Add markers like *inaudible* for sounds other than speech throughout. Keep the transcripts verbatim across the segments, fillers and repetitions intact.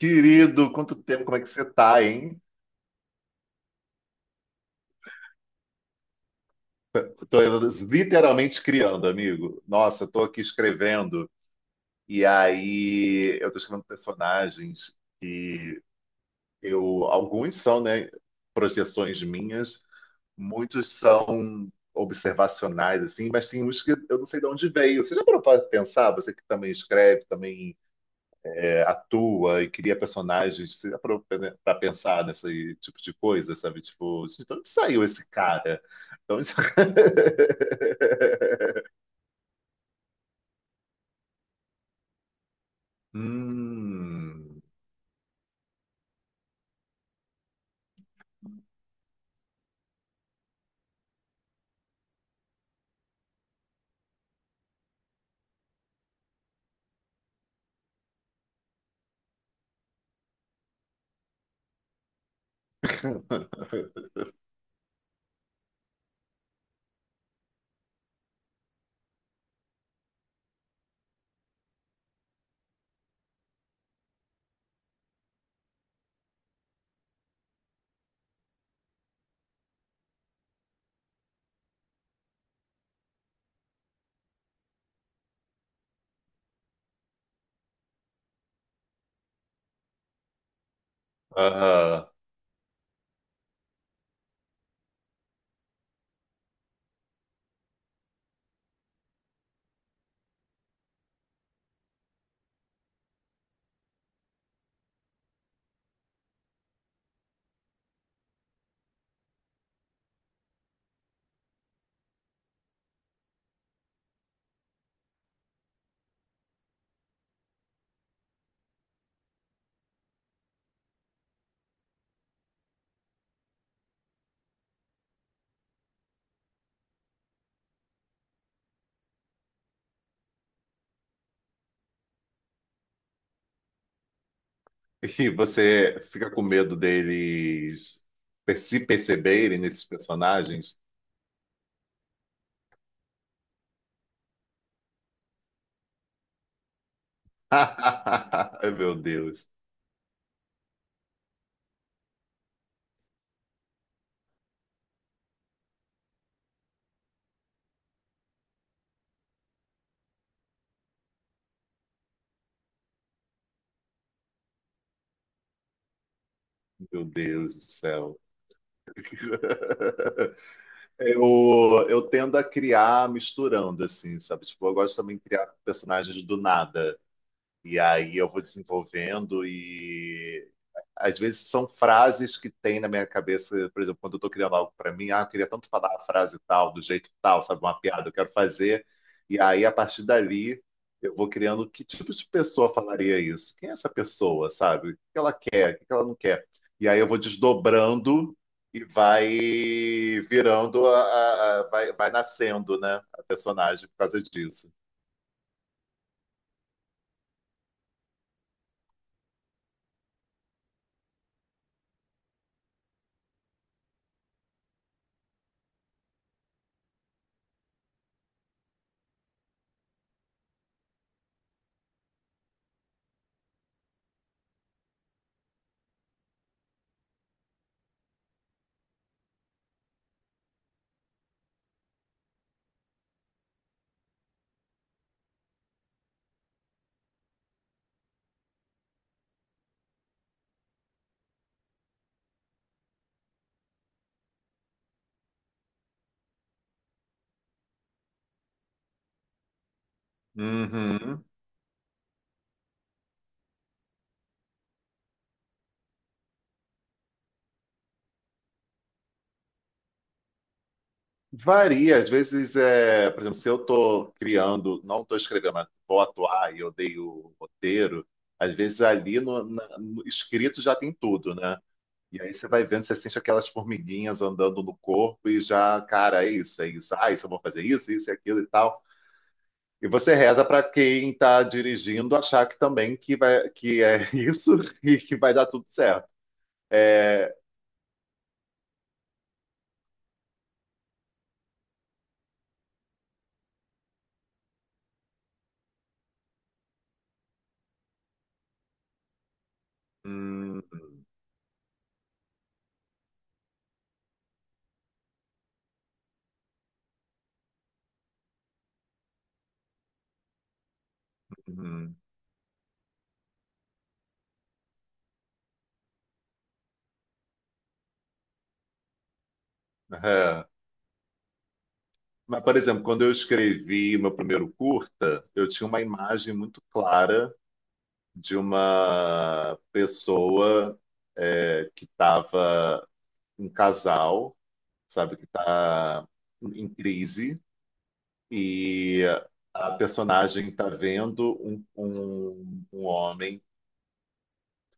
Querido, quanto tempo, como é que você tá, hein? Tô literalmente criando, amigo. Nossa, tô aqui escrevendo e aí eu tô escrevendo personagens que eu, alguns são, né, projeções minhas, muitos são observacionais assim, mas tem uns que eu não sei de onde veio. Você já parou para pensar, você que também escreve, também é, atua e cria personagens para pensar nesse tipo de coisa, sabe? Tipo, gente, de onde saiu esse cara? Então onde *laughs* Hum. *laughs* Aham. E você fica com medo deles per- se perceberem nesses personagens? *laughs* Ai, meu Deus, meu Deus do céu. *laughs* Eu, eu tendo a criar misturando, assim, sabe? Tipo, eu gosto também de criar personagens do nada. E aí eu vou desenvolvendo e às vezes são frases que tem na minha cabeça, por exemplo, quando eu estou criando algo para mim, ah, eu queria tanto falar a frase tal, do jeito tal, sabe, uma piada, eu quero fazer. E aí a partir dali eu vou criando que tipo de pessoa falaria isso? Quem é essa pessoa, sabe? O que ela quer, o que ela não quer? E aí eu vou desdobrando e vai virando, a, a- a- vai, vai nascendo, né, a personagem por causa disso. Uhum. Varia, às vezes, é, por exemplo, se eu estou criando, não estou escrevendo, mas vou atuar e eu dei o roteiro, às vezes ali no, na- no escrito já tem tudo, né? E aí você vai vendo, você sente aquelas formiguinhas andando no corpo e já, cara, é isso, é isso, ah, isso eu vou fazer isso, isso e aquilo e tal. E você reza para quem está dirigindo achar que também que vai, que é *laughs* isso e que vai dar tudo certo. É, hum, hum, hum, aham. Mas, por exemplo, quando eu escrevi o meu primeiro curta, eu tinha uma imagem muito clara de uma pessoa é, que estava um casal, sabe, que está em crise e a personagem está vendo um, um, um homem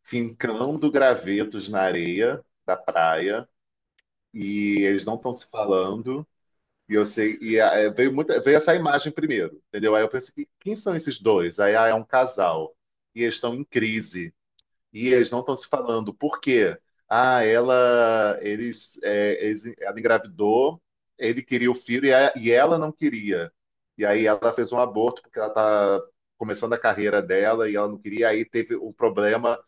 fincando gravetos na areia da praia e eles não estão se falando. E eu sei, e ah, é, veio muita, veio essa imagem primeiro, entendeu? Aí eu pensei, quem são esses dois? Aí ah, é um casal, e eles estão em crise, e eles não estão se falando. Por quê? Ah, ela, eles, é, eles- ela engravidou, ele queria o filho e, a- e ela não queria. E aí ela fez um aborto porque ela tá começando a carreira dela e ela não queria, aí teve o problema.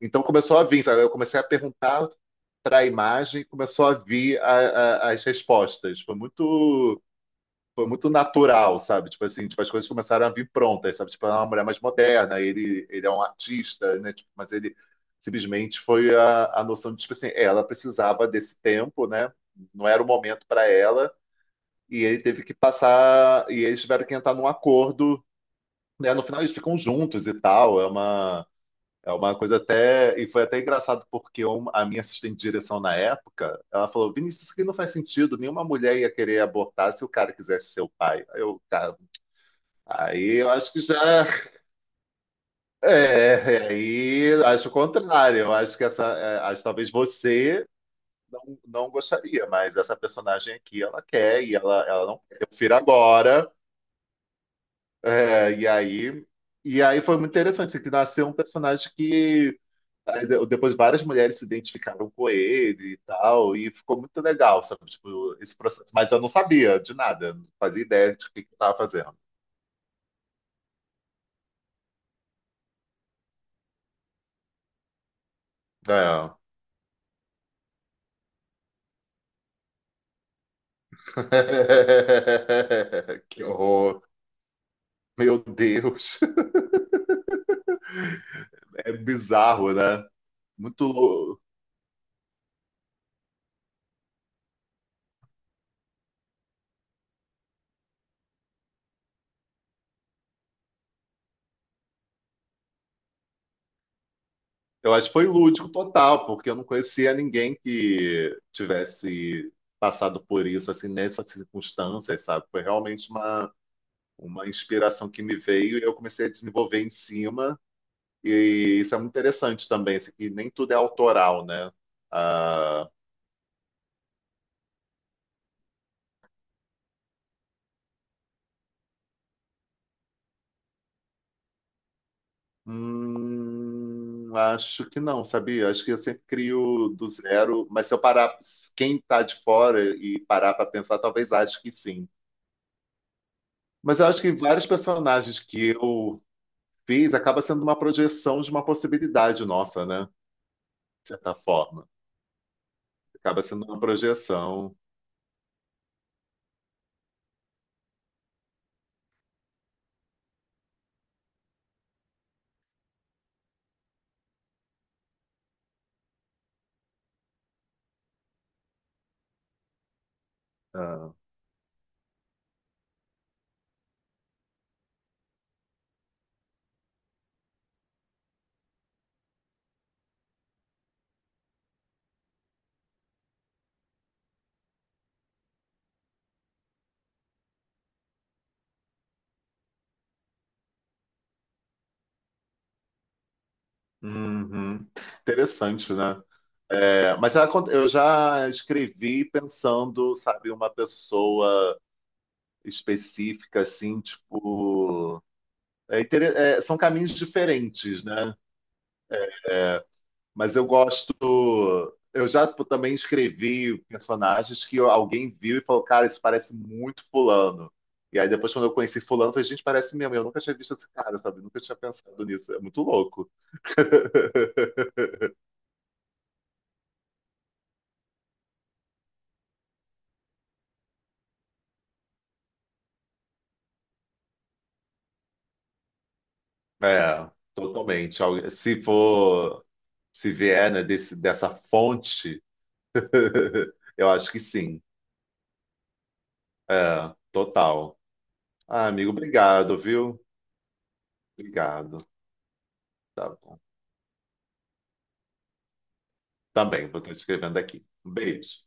Então começou a vir, sabe? Eu comecei a perguntar para a imagem, começou a vir a- a- as respostas. Foi muito foi muito natural, sabe? Tipo assim, tipo, as coisas começaram a vir prontas, sabe? Tipo, ela é uma mulher mais moderna, ele, ele é um artista, né? Tipo, mas ele simplesmente foi a, a noção de, tipo assim, é, ela precisava desse tempo, né? Não era o momento para ela, e ele teve que passar, e eles tiveram que entrar num acordo, né? No final eles ficam juntos e tal, é uma. É uma coisa até. E foi até engraçado, porque um- a minha assistente de direção na época, ela falou: Vinícius, isso aqui não faz sentido. Nenhuma mulher ia querer abortar se o cara quisesse ser o pai. Aí eu, cara, aí eu acho que já. É, é, é, aí eu acho o contrário. Eu acho que essa. É, acho que talvez você não, não gostaria, mas essa personagem aqui, ela quer e ela, ela não quer. Eu prefiro agora. É, e aí. E aí foi muito interessante, assim, que nasceu um personagem que. Aí de- depois várias mulheres se identificaram com ele e tal, e ficou muito legal, sabe? Tipo, esse processo. Mas eu não sabia de nada, não fazia ideia de o que que eu tava fazendo. É. *laughs* Que horror. Meu Deus, *laughs* é bizarro, né? Muito. lú- Eu acho que foi lúdico total, porque eu não conhecia ninguém que tivesse passado por isso, assim, nessas circunstâncias, sabe? Foi realmente uma, uma inspiração que me veio e eu comecei a desenvolver em cima. E isso é muito interessante também, assim, que nem tudo é autoral, né? Ah, hum, acho que não, sabia? Acho que eu sempre crio do zero, mas se eu parar, quem tá de fora e parar para pensar, talvez ache que sim. Mas eu acho que vários personagens que eu fiz acaba sendo uma projeção de uma possibilidade nossa, né? De certa forma. Acaba sendo uma projeção. Ah, uhum. Interessante, né? É, mas já acon- eu já escrevi pensando, sabe, uma pessoa específica, assim, tipo. É inter- é, são caminhos diferentes, né? Mas eu gosto. Eu já pô, também escrevi personagens que alguém viu e falou, cara, isso parece muito fulano. E aí depois, quando eu conheci fulano, eu falei, gente, parece mesmo. Eu nunca tinha visto esse cara, sabe? Nunca tinha pensado nisso. É muito louco. *laughs* É, totalmente. Algu- Se for, se vier, né, desse, dessa fonte, *laughs* eu acho que sim. É, total. Ah, amigo, obrigado, viu? Obrigado. Tá bom. Tá bem, vou estar escrevendo aqui. Um beijo.